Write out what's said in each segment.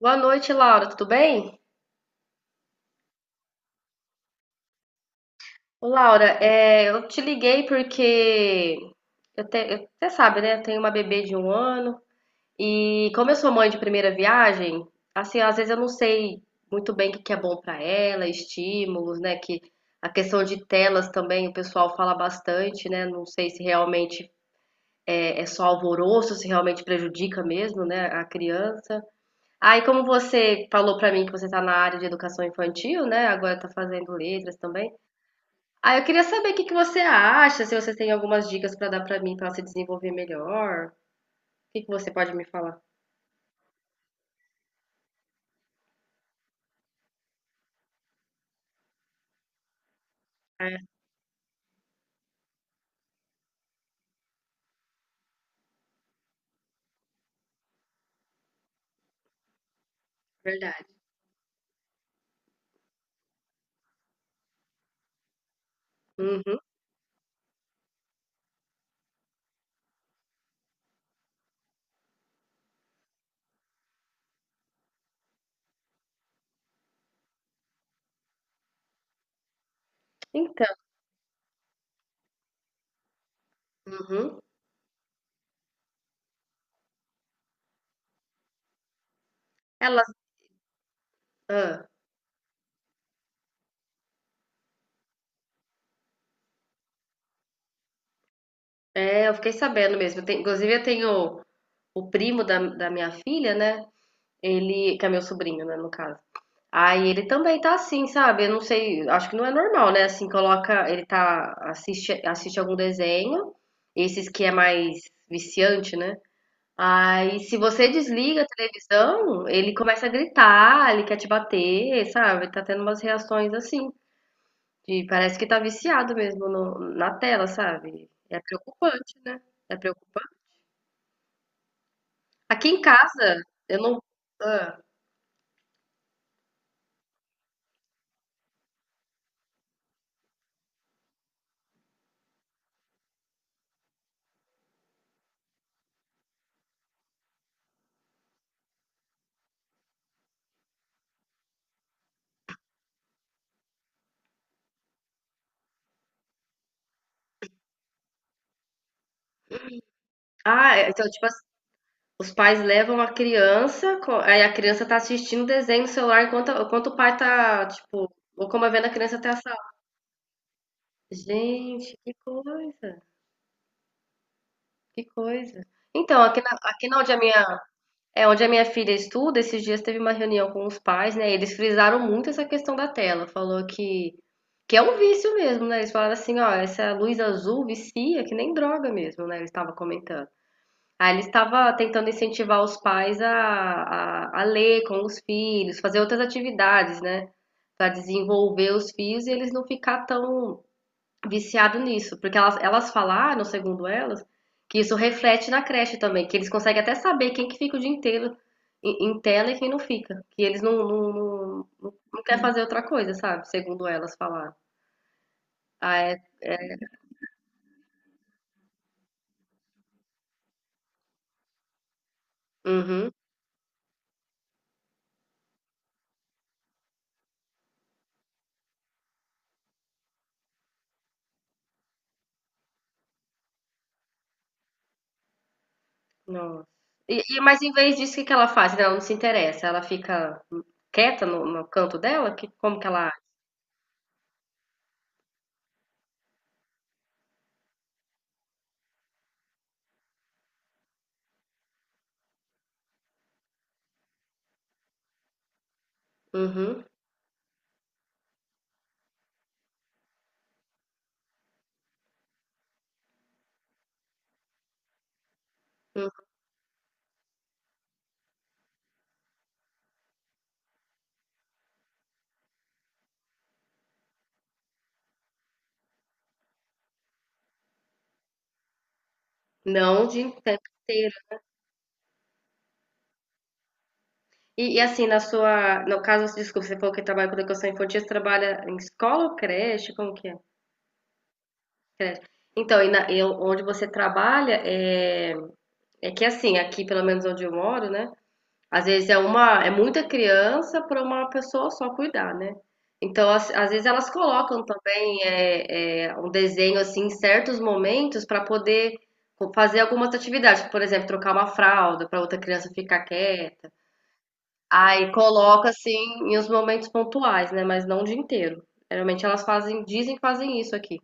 Boa noite, Laura. Tudo bem? Ô, Laura, eu te liguei porque você sabe, né? Eu tenho uma bebê de 1 ano e como eu sou mãe de primeira viagem, assim, às vezes eu não sei muito bem o que que é bom pra ela, estímulos, né? Que a questão de telas também o pessoal fala bastante, né? Não sei se realmente é só alvoroço, se realmente prejudica mesmo, né? A criança. Aí, como você falou pra mim que você tá na área de educação infantil, né? Agora tá fazendo letras também. Ah, eu queria saber o que que você acha, se você tem algumas dicas para dar para mim para se desenvolver melhor. O que que você pode me falar? Ah, é verdade. Uhum. Então, uhum. Elas, ah, é, eu fiquei sabendo mesmo. Inclusive, eu tenho o primo da minha filha, né? Ele, que é meu sobrinho, né, no caso. Aí ele também tá assim, sabe? Eu não sei, acho que não é normal, né? Assim, coloca, ele tá, assiste algum desenho, esses que é mais viciante, né? Aí, se você desliga a televisão, ele começa a gritar, ele quer te bater, sabe? Tá tendo umas reações assim, de parece que tá viciado mesmo na tela, sabe? É preocupante, né? É preocupante. Aqui em casa, eu não. Ah, Ah, é, então, tipo, os pais levam a criança, aí a criança tá assistindo desenho no celular enquanto o pai tá, tipo, locomovendo a criança até a sala. Gente, que coisa, que coisa. Então, aqui na onde a minha filha estuda, esses dias teve uma reunião com os pais, né? Eles frisaram muito essa questão da tela. Falou que é um vício mesmo, né? Eles falaram assim, ó, essa luz azul vicia, que nem droga mesmo, né? Ele estava comentando. Aí ele estava tentando incentivar os pais a ler com os filhos, fazer outras atividades, né? Para desenvolver os filhos e eles não ficar tão viciado nisso, porque elas falaram, segundo elas, que isso reflete na creche também, que eles conseguem até saber quem que fica o dia inteiro em tela e quem não fica, que eles não quer fazer outra coisa, sabe? Segundo elas falaram. Ah, é? Uhum. Nossa. Mas em vez disso, o que que ela faz? Ela não se interessa, ela fica quieta no canto dela? Que, como que ela age? Uhum. Uhum. Não, o dia inteiro. E assim, no caso, desculpa, você falou que trabalha com educação infantil, você trabalha em escola ou creche? Como que é? Creche. Então, e onde você trabalha é que assim, aqui pelo menos onde eu moro, né? Às vezes é muita criança para uma pessoa só cuidar, né? Então, às vezes elas colocam também um desenho assim em certos momentos para poder fazer algumas atividades, por exemplo, trocar uma fralda para outra criança ficar quieta. Aí coloca assim em uns momentos pontuais, né? Mas não o dia inteiro. Geralmente elas fazem, dizem que fazem isso aqui.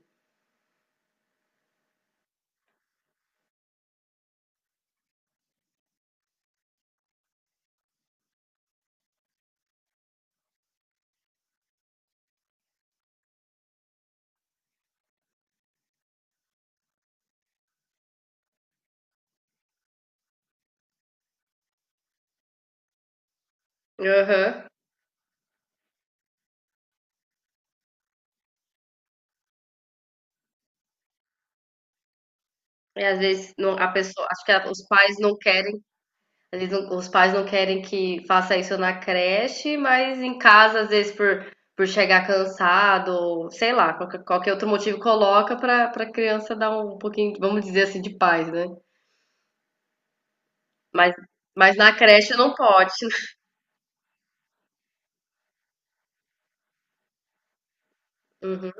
Aham. E às vezes a pessoa, acho que os pais não querem, às vezes os pais não querem que faça isso na creche, mas em casa, às vezes por chegar cansado, ou sei lá, qualquer outro motivo coloca pra para criança dar um pouquinho, vamos dizer assim, de paz, né? Mas, mas na creche não pode. Uhum,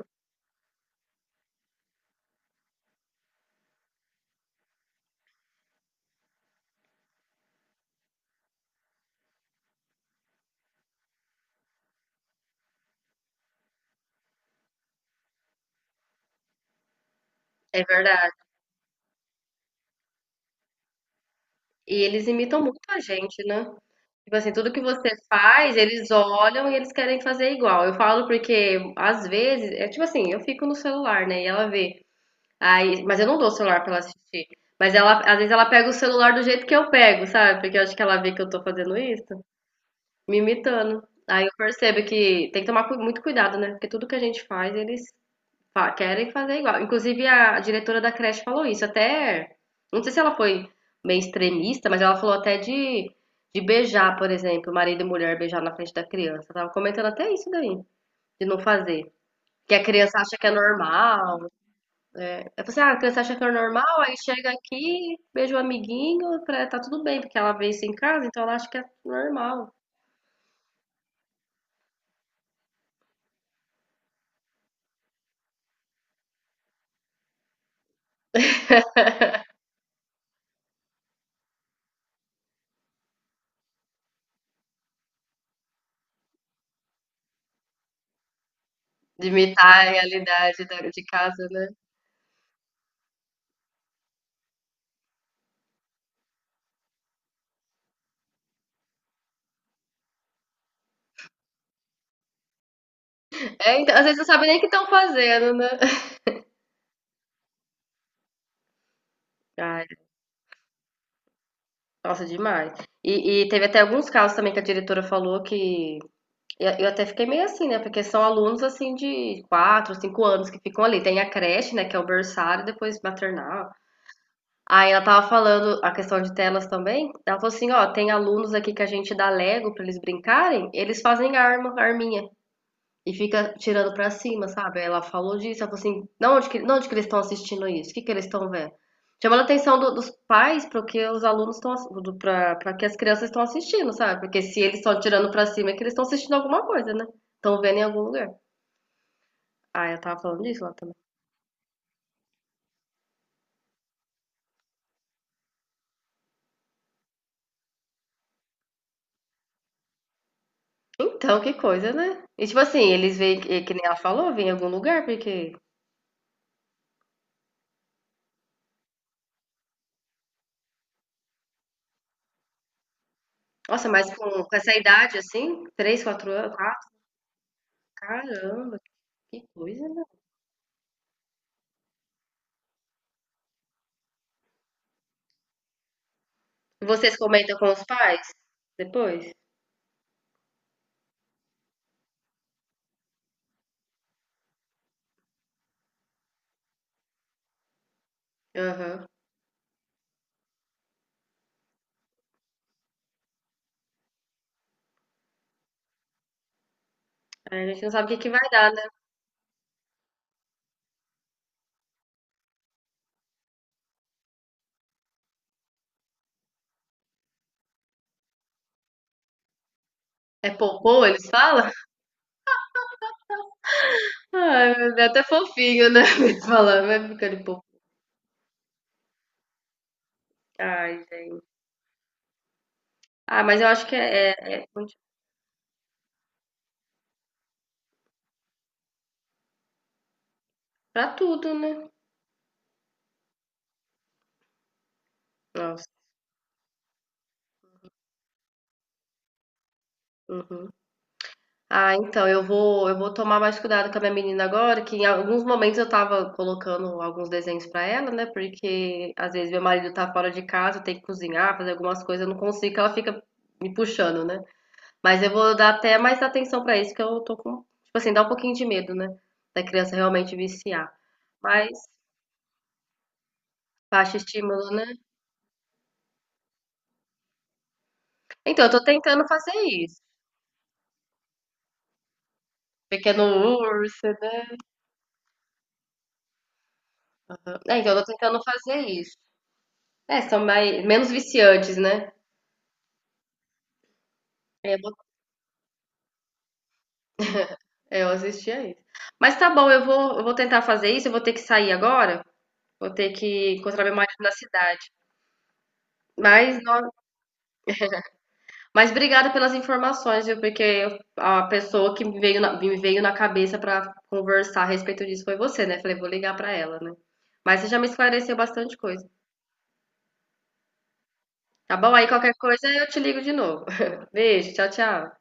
é verdade. E eles imitam muito a gente, né? Tipo assim, tudo que você faz, eles olham e eles querem fazer igual. Eu falo porque, às vezes, é tipo assim, eu fico no celular, né? E ela vê. Aí, mas eu não dou o celular pra ela assistir. Mas ela, às vezes, ela pega o celular do jeito que eu pego, sabe? Porque eu acho que ela vê que eu tô fazendo isso, me imitando. Aí eu percebo que tem que tomar muito cuidado, né? Porque tudo que a gente faz, eles Fa querem fazer igual. Inclusive, a diretora da creche falou isso. Até, não sei se ela foi meio extremista, mas ela falou até de beijar, por exemplo, marido e mulher beijar na frente da criança. Tava comentando até isso daí, de não fazer. Que a criança acha que é normal. É assim, ah, a criança acha que é normal, aí chega aqui, beija o amiguinho, tá tudo bem, porque ela vê isso em casa, então ela acha que é normal. De imitar a realidade de casa, né? É, então, às vezes você não sabe nem o que estão fazendo, né? Ai, nossa, demais. E teve até alguns casos também que a diretora falou que eu até fiquei meio assim, né? Porque são alunos assim de 4, 5 anos que ficam ali. Tem a creche, né? Que é o berçário, depois maternal. Aí ela tava falando a questão de telas também. Ela falou assim, ó, tem alunos aqui que a gente dá Lego pra eles brincarem, eles fazem arma, arminha. E fica tirando pra cima, sabe? Ela falou disso, ela falou assim, não, onde que, não, onde que eles estão assistindo isso? O que que eles estão vendo? Chamando a atenção dos pais para que os alunos estão, ass- do- pra para que as crianças estão assistindo, sabe? Porque se eles estão tirando pra cima é que eles estão assistindo alguma coisa, né? Estão vendo em algum lugar. Ah, eu tava falando disso lá também. Então, que coisa, né? E tipo assim, eles veem, que nem ela falou, vêm em algum lugar, porque... Nossa, mas com essa idade assim, 3, 4 anos, caramba, que coisa, né? E vocês comentam com os pais depois? Aham. É, a gente não sabe o que que vai dar, né? É popô, eles falam? Ai, é até fofinho, né? Eles falando, vai ficando popô. Ai, gente. Ah, mas eu acho que é muito pra tudo, né? Nossa. Uhum. Ah, então, eu vou tomar mais cuidado com a minha menina agora, que em alguns momentos eu tava colocando alguns desenhos pra ela, né? Porque às vezes meu marido tá fora de casa, tem que cozinhar, fazer algumas coisas, eu não consigo, que ela fica me puxando, né? Mas eu vou dar até mais atenção pra isso, que eu tô com, tipo assim, dá um pouquinho de medo, né, da criança realmente viciar. Mas baixa estímulo, né? Então, eu tô tentando fazer isso. Pequeno urso, né? É, então, eu tô tentando fazer isso. É, são mais, menos viciantes, né? É, eu assistia isso. Mas tá bom, eu vou tentar fazer isso. Eu vou ter que sair agora. Vou ter que encontrar meu marido na cidade. Mas, nó- Mas obrigada pelas informações, viu? Porque a pessoa que me veio na cabeça para conversar a respeito disso foi você, né? Falei, vou ligar para ela, né? Mas você já me esclareceu bastante coisa. Tá bom? Aí qualquer coisa eu te ligo de novo. Beijo, tchau, tchau.